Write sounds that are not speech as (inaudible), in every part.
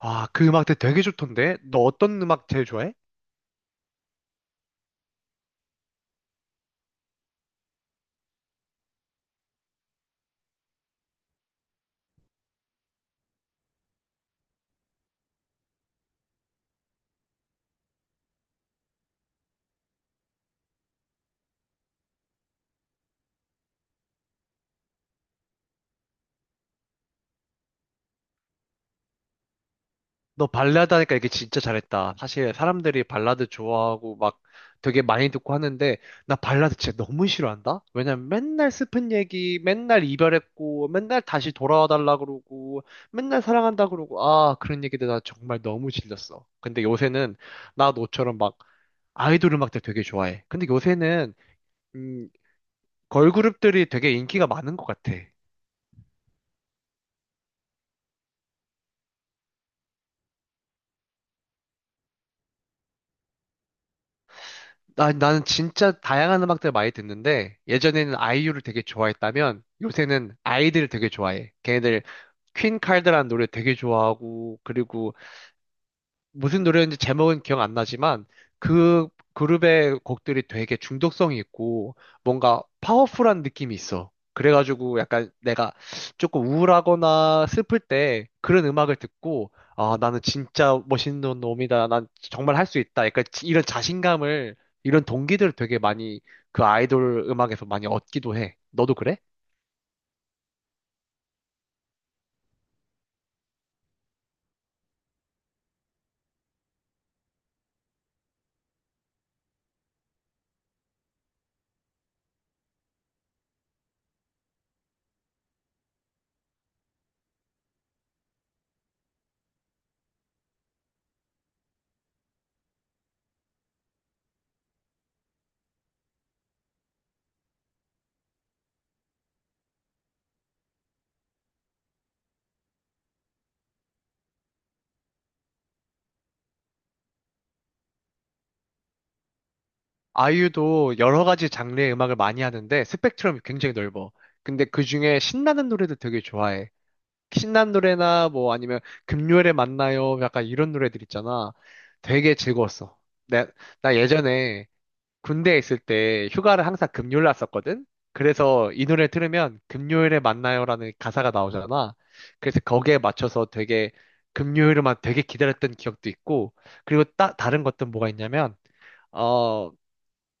아, 그 음악들 되게 좋던데? 너 어떤 음악 제일 좋아해? 너 발라드 하니까 이게 진짜 잘했다. 사실 사람들이 발라드 좋아하고 막 되게 많이 듣고 하는데 나 발라드 진짜 너무 싫어한다? 왜냐면 맨날 슬픈 얘기, 맨날 이별했고, 맨날 다시 돌아와 달라 그러고, 맨날 사랑한다 그러고, 아, 그런 얘기들 나 정말 너무 질렸어. 근데 요새는 나 너처럼 막 아이돌 음악들 되게 좋아해. 근데 요새는, 음, 걸그룹들이 되게 인기가 많은 것 같아. 나는 진짜 다양한 음악들을 많이 듣는데, 예전에는 아이유를 되게 좋아했다면, 요새는 아이들을 되게 좋아해. 걔네들 퀸 칼드라는 노래 되게 좋아하고, 그리고 무슨 노래였는지 제목은 기억 안 나지만 그 그룹의 곡들이 되게 중독성이 있고 뭔가 파워풀한 느낌이 있어. 그래가지고 약간 내가 조금 우울하거나 슬플 때 그런 음악을 듣고, 아, 나는 진짜 멋있는 놈이다. 난 정말 할 수 있다. 약간 이런 자신감을, 이런 동기들을 되게 많이 그 아이돌 음악에서 많이 얻기도 해. 너도 그래? 아이유도 여러 가지 장르의 음악을 많이 하는데 스펙트럼이 굉장히 넓어. 근데 그 중에 신나는 노래도 되게 좋아해. 신난 노래나 뭐 아니면 금요일에 만나요, 약간 이런 노래들 있잖아. 되게 즐거웠어. 내, 나 예전에 군대에 있을 때 휴가를 항상 금요일 났었거든? 그래서 이 노래 들으면 금요일에 만나요라는 가사가 나오잖아. 그래서 거기에 맞춰서 되게 금요일만 되게 기다렸던 기억도 있고, 그리고 다른 것들은 뭐가 있냐면, 어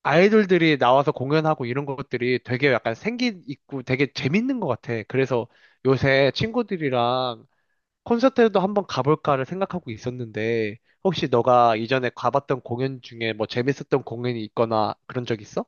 아이돌들이 나와서 공연하고 이런 것들이 되게 약간 생기 있고 되게 재밌는 것 같아. 그래서 요새 친구들이랑 콘서트에도 한번 가볼까를 생각하고 있었는데, 혹시 너가 이전에 가봤던 공연 중에 뭐 재밌었던 공연이 있거나 그런 적 있어?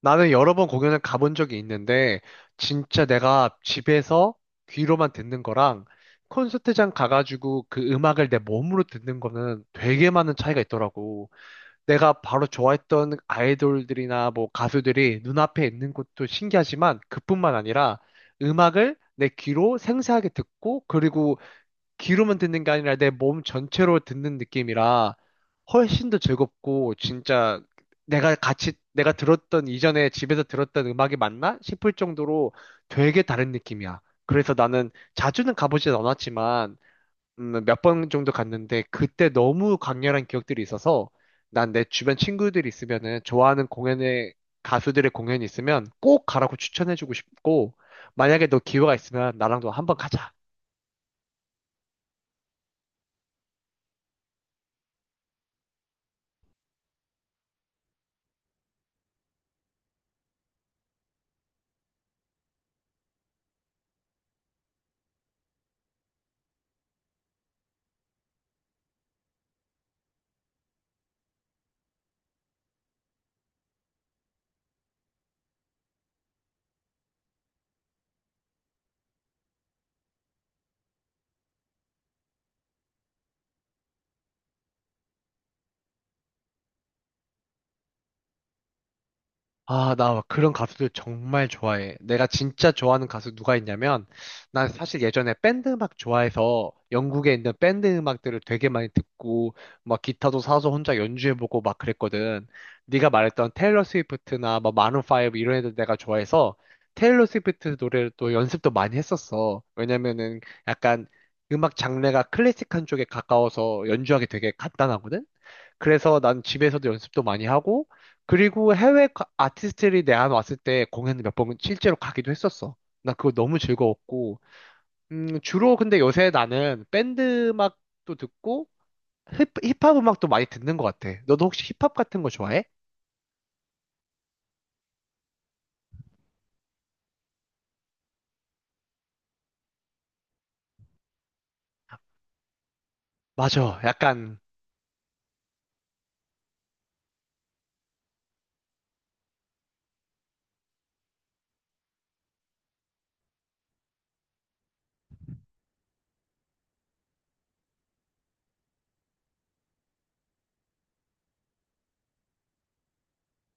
나는 여러 번 공연을 가본 적이 있는데, 진짜 내가 집에서 귀로만 듣는 거랑 콘서트장 가가지고 그 음악을 내 몸으로 듣는 거는 되게 많은 차이가 있더라고. 내가 바로 좋아했던 아이돌들이나 뭐 가수들이 눈앞에 있는 것도 신기하지만, 그뿐만 아니라 음악을 내 귀로 생생하게 듣고, 그리고 귀로만 듣는 게 아니라 내 몸 전체로 듣는 느낌이라 훨씬 더 즐겁고, 진짜 내가 같이 내가 들었던, 이전에 집에서 들었던 음악이 맞나 싶을 정도로 되게 다른 느낌이야. 그래서 나는 자주는 가보진 않았지만 몇번 정도 갔는데 그때 너무 강렬한 기억들이 있어서, 난 내 주변 친구들이 있으면은 좋아하는 공연에, 가수들의 공연이 있으면 꼭 가라고 추천해주고 싶고, 만약에 너 기회가 있으면 나랑도 한번 가자. 아, 나 그런 가수들 정말 좋아해. 내가 진짜 좋아하는 가수 누가 있냐면, 난 사실 예전에 밴드 음악 좋아해서 영국에 있는 밴드 음악들을 되게 많이 듣고, 막 기타도 사서 혼자 연주해보고 막 그랬거든. 네가 말했던 테일러 스위프트나 막 마룬 파이브 이런 애들 내가 좋아해서 테일러 스위프트 노래를 또 연습도 많이 했었어. 왜냐면은 약간 음악 장르가 클래식한 쪽에 가까워서 연주하기 되게 간단하거든? 그래서 난 집에서도 연습도 많이 하고, 그리고 해외 아티스트들이 내한 왔을 때 공연을 몇 번 실제로 가기도 했었어. 나 그거 너무 즐거웠고, 주로 근데 요새 나는 밴드 음악도 듣고 힙합 음악도 많이 듣는 것 같아. 너도 혹시 힙합 같은 거 좋아해? 맞아, 약간.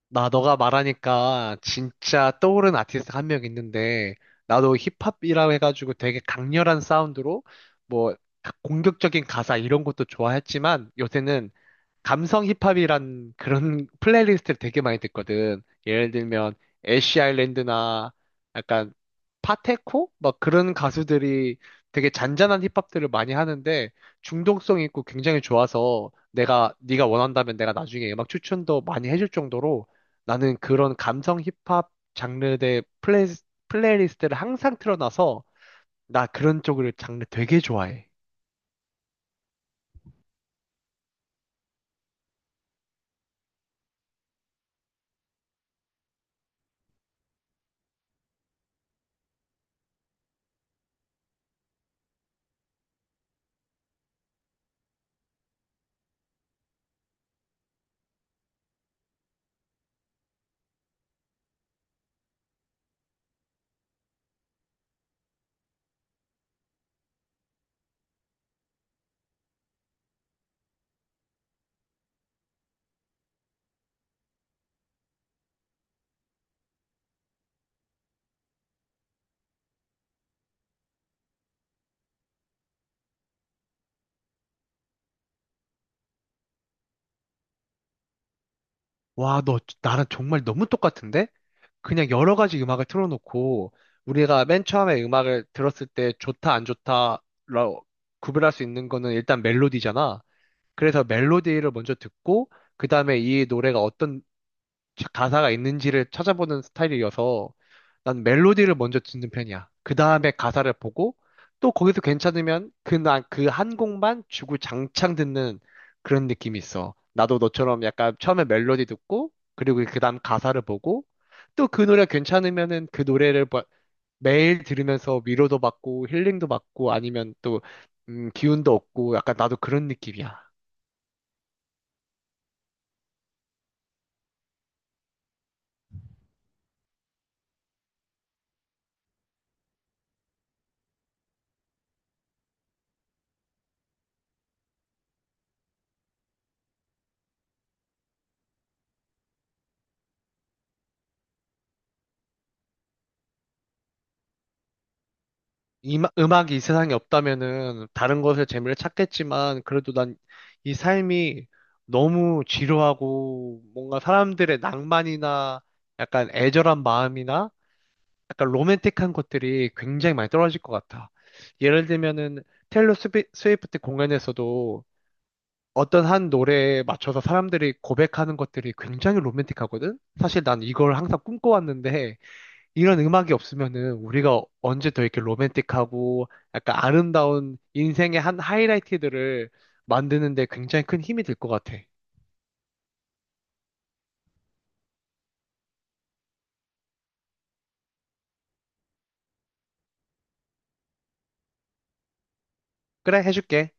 나 너가 말하니까 진짜 떠오른 아티스트 한 명 있는데, 나도 힙합이라고 해가지고 되게 강렬한 사운드로 뭐 공격적인 가사 이런 것도 좋아했지만, 요새는 감성 힙합이란 그런 (laughs) 플레이리스트를 되게 많이 듣거든. 예를 들면 애쉬 아일랜드나 약간 파테코, 막 그런 가수들이 되게 잔잔한 힙합들을 많이 하는데 중독성 있고 굉장히 좋아서, 내가, 네가 원한다면 내가 나중에 음악 추천도 많이 해줄 정도로 나는 그런 감성 힙합 장르의 플레이, 플레이리스트를 항상 틀어놔서 나 그런 쪽을 장르 되게 좋아해. 와, 너 나랑 정말 너무 똑같은데? 그냥 여러 가지 음악을 틀어놓고 우리가 맨 처음에 음악을 들었을 때 좋다 안 좋다라고 구별할 수 있는 거는 일단 멜로디잖아. 그래서 멜로디를 먼저 듣고 그다음에 이 노래가 어떤 가사가 있는지를 찾아보는 스타일이어서 난 멜로디를 먼저 듣는 편이야. 그 다음에 가사를 보고 또 거기서 괜찮으면 그날 그한 곡만 주구장창 듣는 그런 느낌이 있어. 나도 너처럼 약간 처음에 멜로디 듣고 그리고 그 다음 가사를 보고 또 그 노래 괜찮으면은 그 노래를 매일 들으면서 위로도 받고 힐링도 받고 아니면 또 기운도 얻고, 약간 나도 그런 느낌이야. 음악이 이 세상에 없다면은 다른 것에 재미를 찾겠지만, 그래도 난 이 삶이 너무 지루하고 뭔가 사람들의 낭만이나 약간 애절한 마음이나 약간 로맨틱한 것들이 굉장히 많이 떨어질 것 같아. 예를 들면은 테일러 스위프트 공연에서도 어떤 한 노래에 맞춰서 사람들이 고백하는 것들이 굉장히 로맨틱하거든? 사실 난 이걸 항상 꿈꿔왔는데, 이런 음악이 없으면은 우리가 언제 더 이렇게 로맨틱하고 약간 아름다운 인생의 한 하이라이트들을 만드는데 굉장히 큰 힘이 될 것 같아. 그래, 해줄게.